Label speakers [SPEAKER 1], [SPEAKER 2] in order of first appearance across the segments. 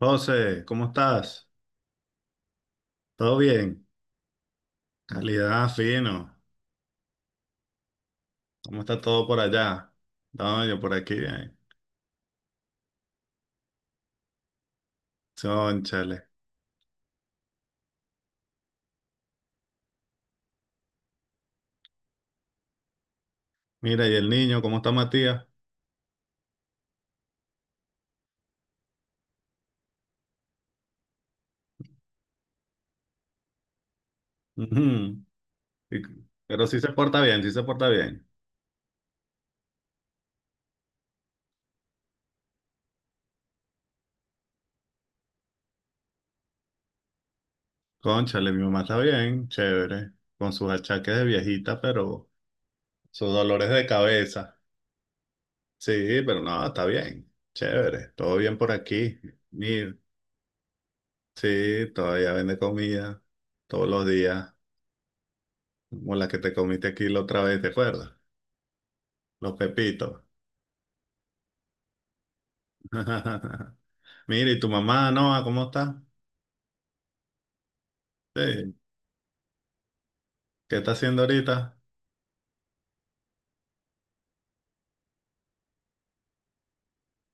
[SPEAKER 1] José, ¿cómo estás? ¿Todo bien? Calidad, fino. ¿Cómo está todo por allá? No, yo por aquí. Ay, chónchale. Mira, ¿y el niño? ¿Cómo está Matías? Ujú. Y- Pero sí se porta bien, sí se porta bien. Cónchale, mi mamá está bien, chévere. Con sus achaques de viejita, pero sus dolores de cabeza. Sí, pero no, está bien. Chévere, todo bien por aquí. Mira, sí, todavía vende comida todos los días. Como la que te comiste aquí la otra vez, ¿te acuerdas? Los pepitos. Mira, ¿y tu mamá, Noah, cómo está? Sí. ¿Qué está haciendo ahorita?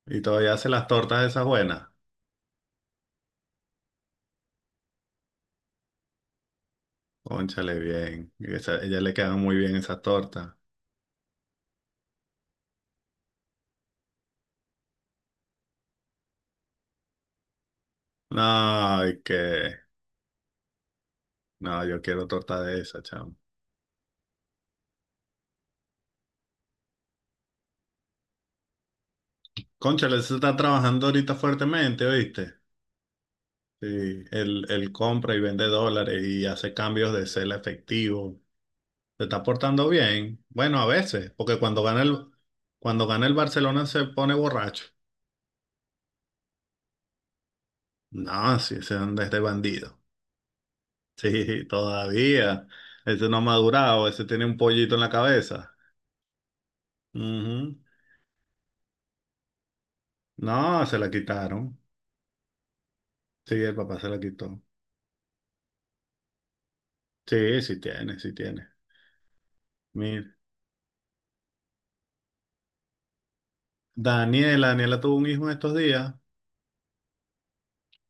[SPEAKER 1] Y todavía hace las tortas esas buenas. Cónchale, bien. Y ella le quedan muy bien esas tortas. No, ay, que. No, yo quiero torta de esa, chamo. Cónchale, se está trabajando ahorita fuertemente, ¿oíste? Sí, él compra y vende dólares y hace cambios de cel a efectivo. Se está portando bien. Bueno, a veces, porque cuando gana el Barcelona se pone borracho. No, sí, se anda este bandido. Sí, todavía. Ese no ha madurado, ese tiene un pollito en la cabeza. Ujú. No, se la quitaron. Sí, el papá se la quitó. Sí, sí tiene, sí tiene. Mira. Daniela tuvo un hijo en estos días.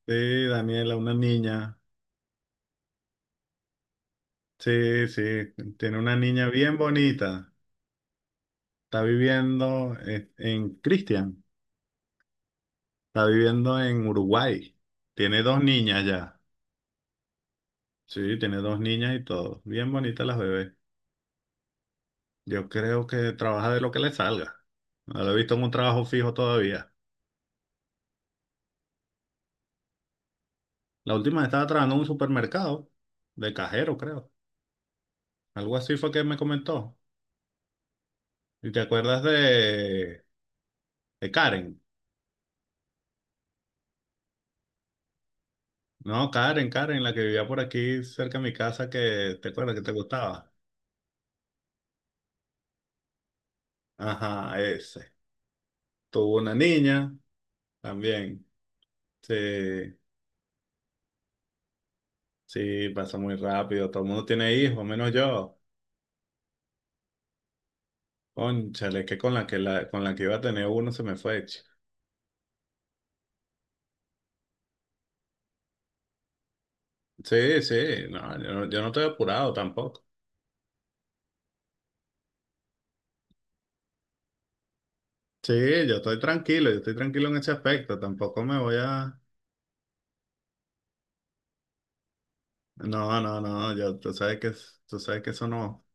[SPEAKER 1] Sí, Daniela, una niña. Sí, sí, tiene una niña bien bonita. Está viviendo en Cristian. Está viviendo en Uruguay. Tiene dos niñas ya. Sí, tiene dos niñas y todo. Bien bonitas las bebés. Yo creo que trabaja de lo que le salga. No lo he visto en un trabajo fijo todavía. La última vez estaba trabajando en un supermercado de cajero, creo. Algo así fue que me comentó. ¿Y te acuerdas de Karen? No, Karen, Karen, la que vivía por aquí cerca de mi casa, que te acuerdas que te gustaba. Ajá, ese. Tuvo una niña también. Sí. Sí, pasa muy rápido. Todo el mundo tiene hijos, menos yo. Cónchale, que con la que iba a tener uno se me fue. Sí, sí, no, yo no estoy apurado tampoco. Sí, yo estoy tranquilo en ese aspecto. Tampoco me voy a. No, no, no, yo, tú sabes que, tú sabes que eso no.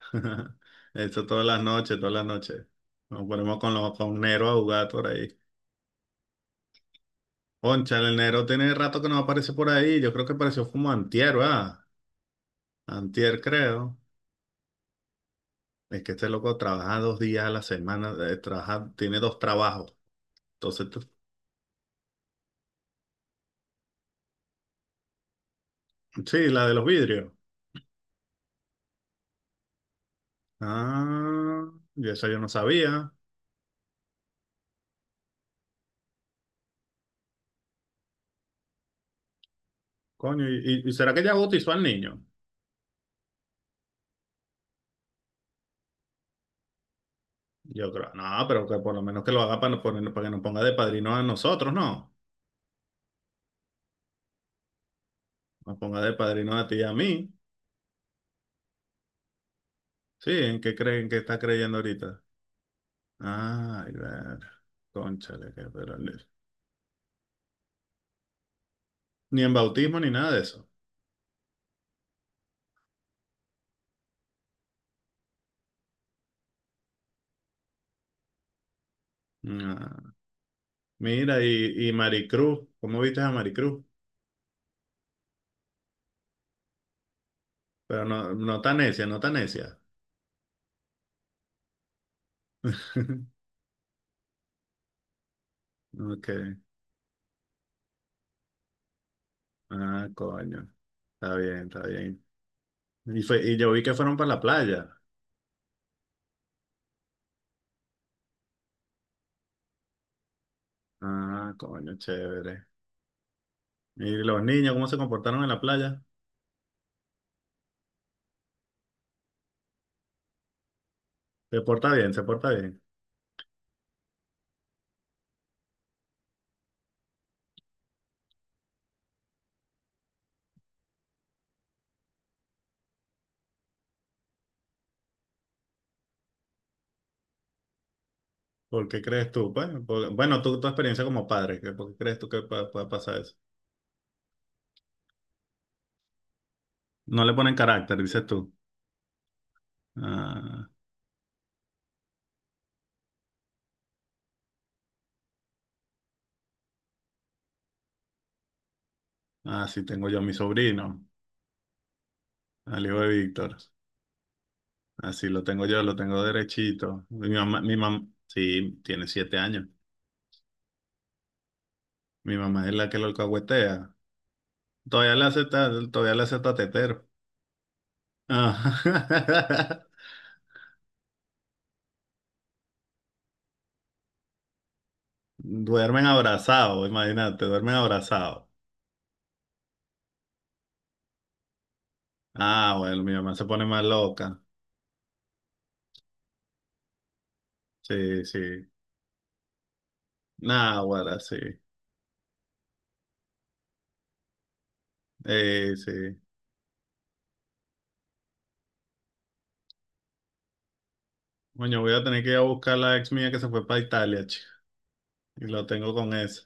[SPEAKER 1] Eso todas las noches, todas las noches. Nos ponemos con los con Nero a jugar por ahí. Cónchale, el Nero tiene rato que no aparece por ahí. Yo creo que apareció como antier, ¿verdad? Antier, creo. Es que este loco trabaja dos días a la semana, trabaja, tiene dos trabajos. Entonces, sí, la de los vidrios. Ah, y eso yo no sabía. Coño, y será que ya bautizó al niño? Yo creo, no, pero que por lo menos que lo haga para, no poner- para que nos ponga de padrino a nosotros, no. Nos ponga de padrino a ti y a mí. Sí, ¿en qué creen que está creyendo ahorita? Ay, ver, cónchale, que, pero ni en bautismo ni nada de eso. Ah, mira, y Maricruz, ¿cómo viste a Maricruz? Pero no, no tan necia, no tan necia. Ok. Ah, coño. Está bien, está bien. Y yo vi que fueron para la playa. Ah, coño, chévere. ¿Y los niños cómo se comportaron en la playa? Se porta bien, se porta bien. ¿Por qué crees tú? Pues, bueno, tú, tu experiencia como padre, ¿por qué crees tú que pasa eso? No le ponen carácter, dices tú. Ah, ah, sí, tengo yo a mi sobrino, al hijo de Víctor. Así lo tengo yo, lo tengo derechito. Mi mamá, sí, tiene siete años. Mi mamá es la que lo alcahuetea. Todavía le hace tatetero. Ah. Duermen abrazados, imagínate, duermen abrazados. Ah, bueno, mi mamá se pone más loca. Sí, sí. Nah, ahora sí. Sí. Coño, voy a tener que ir a buscar a la ex mía que se fue para Italia, chico. Y lo tengo con esa.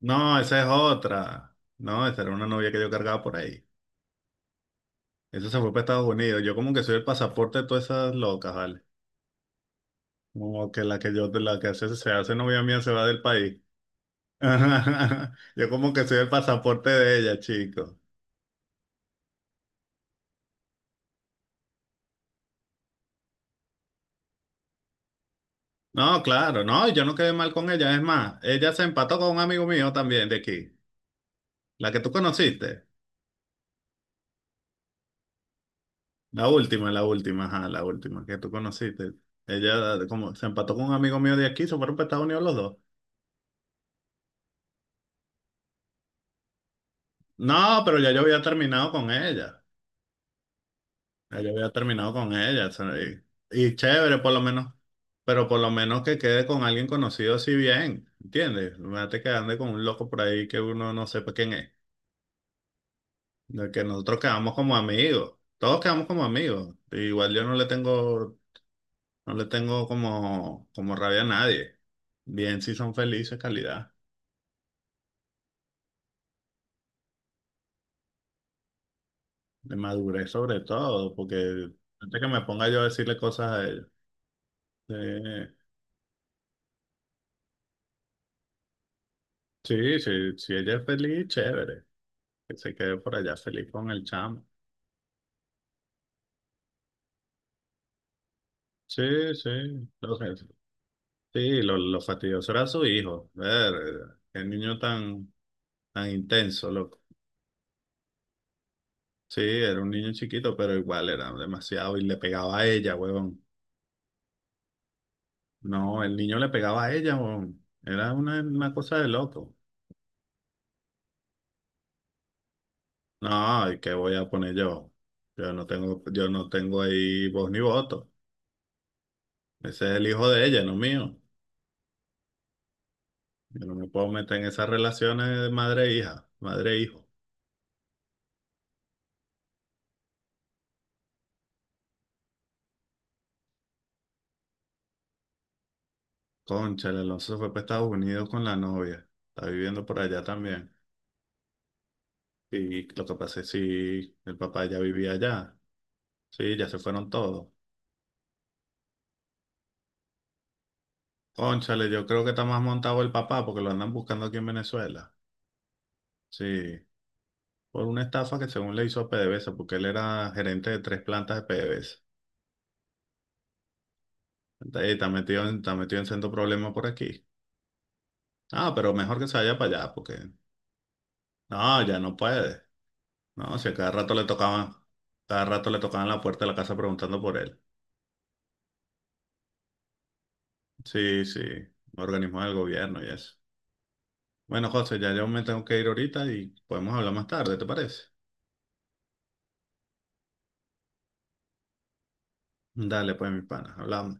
[SPEAKER 1] No, esa es otra. No, esa era una novia que yo cargaba por ahí. Esa se fue para Estados Unidos. Yo como que soy el pasaporte de todas esas locas, ¿vale? Como que la que yo, la que hace, se hace novia mía se va del país. Yo como que soy el pasaporte de ella, chico. No, claro, no, yo no quedé mal con ella. Es más, ella se empató con un amigo mío también de aquí. La que tú conociste. La última, ajá, la última que tú conociste. Ella como se empató con un amigo mío de aquí, se fueron para Estados Unidos los dos. No, pero ya yo había terminado con ella. Ya yo había terminado con ella, o sea, y chévere por lo menos, pero por lo menos que quede con alguien conocido así bien, ¿entiendes? No te que ande con un loco por ahí que uno no sepa quién es, de que nosotros quedamos como amigos, todos quedamos como amigos, igual yo no le tengo, no le tengo como rabia a nadie, bien si son felices, calidad, de madurez sobre todo, porque antes que me ponga yo a decirle cosas a ella, Eh, sí, sí, si ella es feliz, chévere. Que se quede por allá feliz con el chamo. Sí, sí, lo que- sí, lo fastidioso era su hijo. Ver, qué niño tan, tan intenso, loco. Sí, era un niño chiquito, pero igual era demasiado y le pegaba a ella, huevón. No, el niño le pegaba a ella, huevón. Era una cosa de loco. No, ¿y qué voy a poner yo? Yo no tengo ahí voz ni voto. Ese es el hijo de ella, no mío. Yo no me puedo meter en esas relaciones de madre e hija, madre e hijo. Cónchale, Alonso se fue para Estados Unidos con la novia. Está viviendo por allá también. Y lo que pasa es si el papá ya vivía allá. Sí, ya se fueron todos. Cónchale, yo creo que está más montado el papá porque lo andan buscando aquí en Venezuela. Sí, por una estafa que según le hizo a PDVSA, porque él era gerente de tres plantas de PDVSA. Está ahí, está metido en, sendo problemas por aquí. Ah, pero mejor que se vaya para allá porque... No, ya no puede. No, si a cada rato le tocaban, cada rato le tocaban la puerta de la casa preguntando por él. Sí, sí, organismos del gobierno y eso. Bueno, José, ya yo me tengo que ir ahorita y podemos hablar más tarde, ¿te parece? Dale, pues, mi pana, hablamos.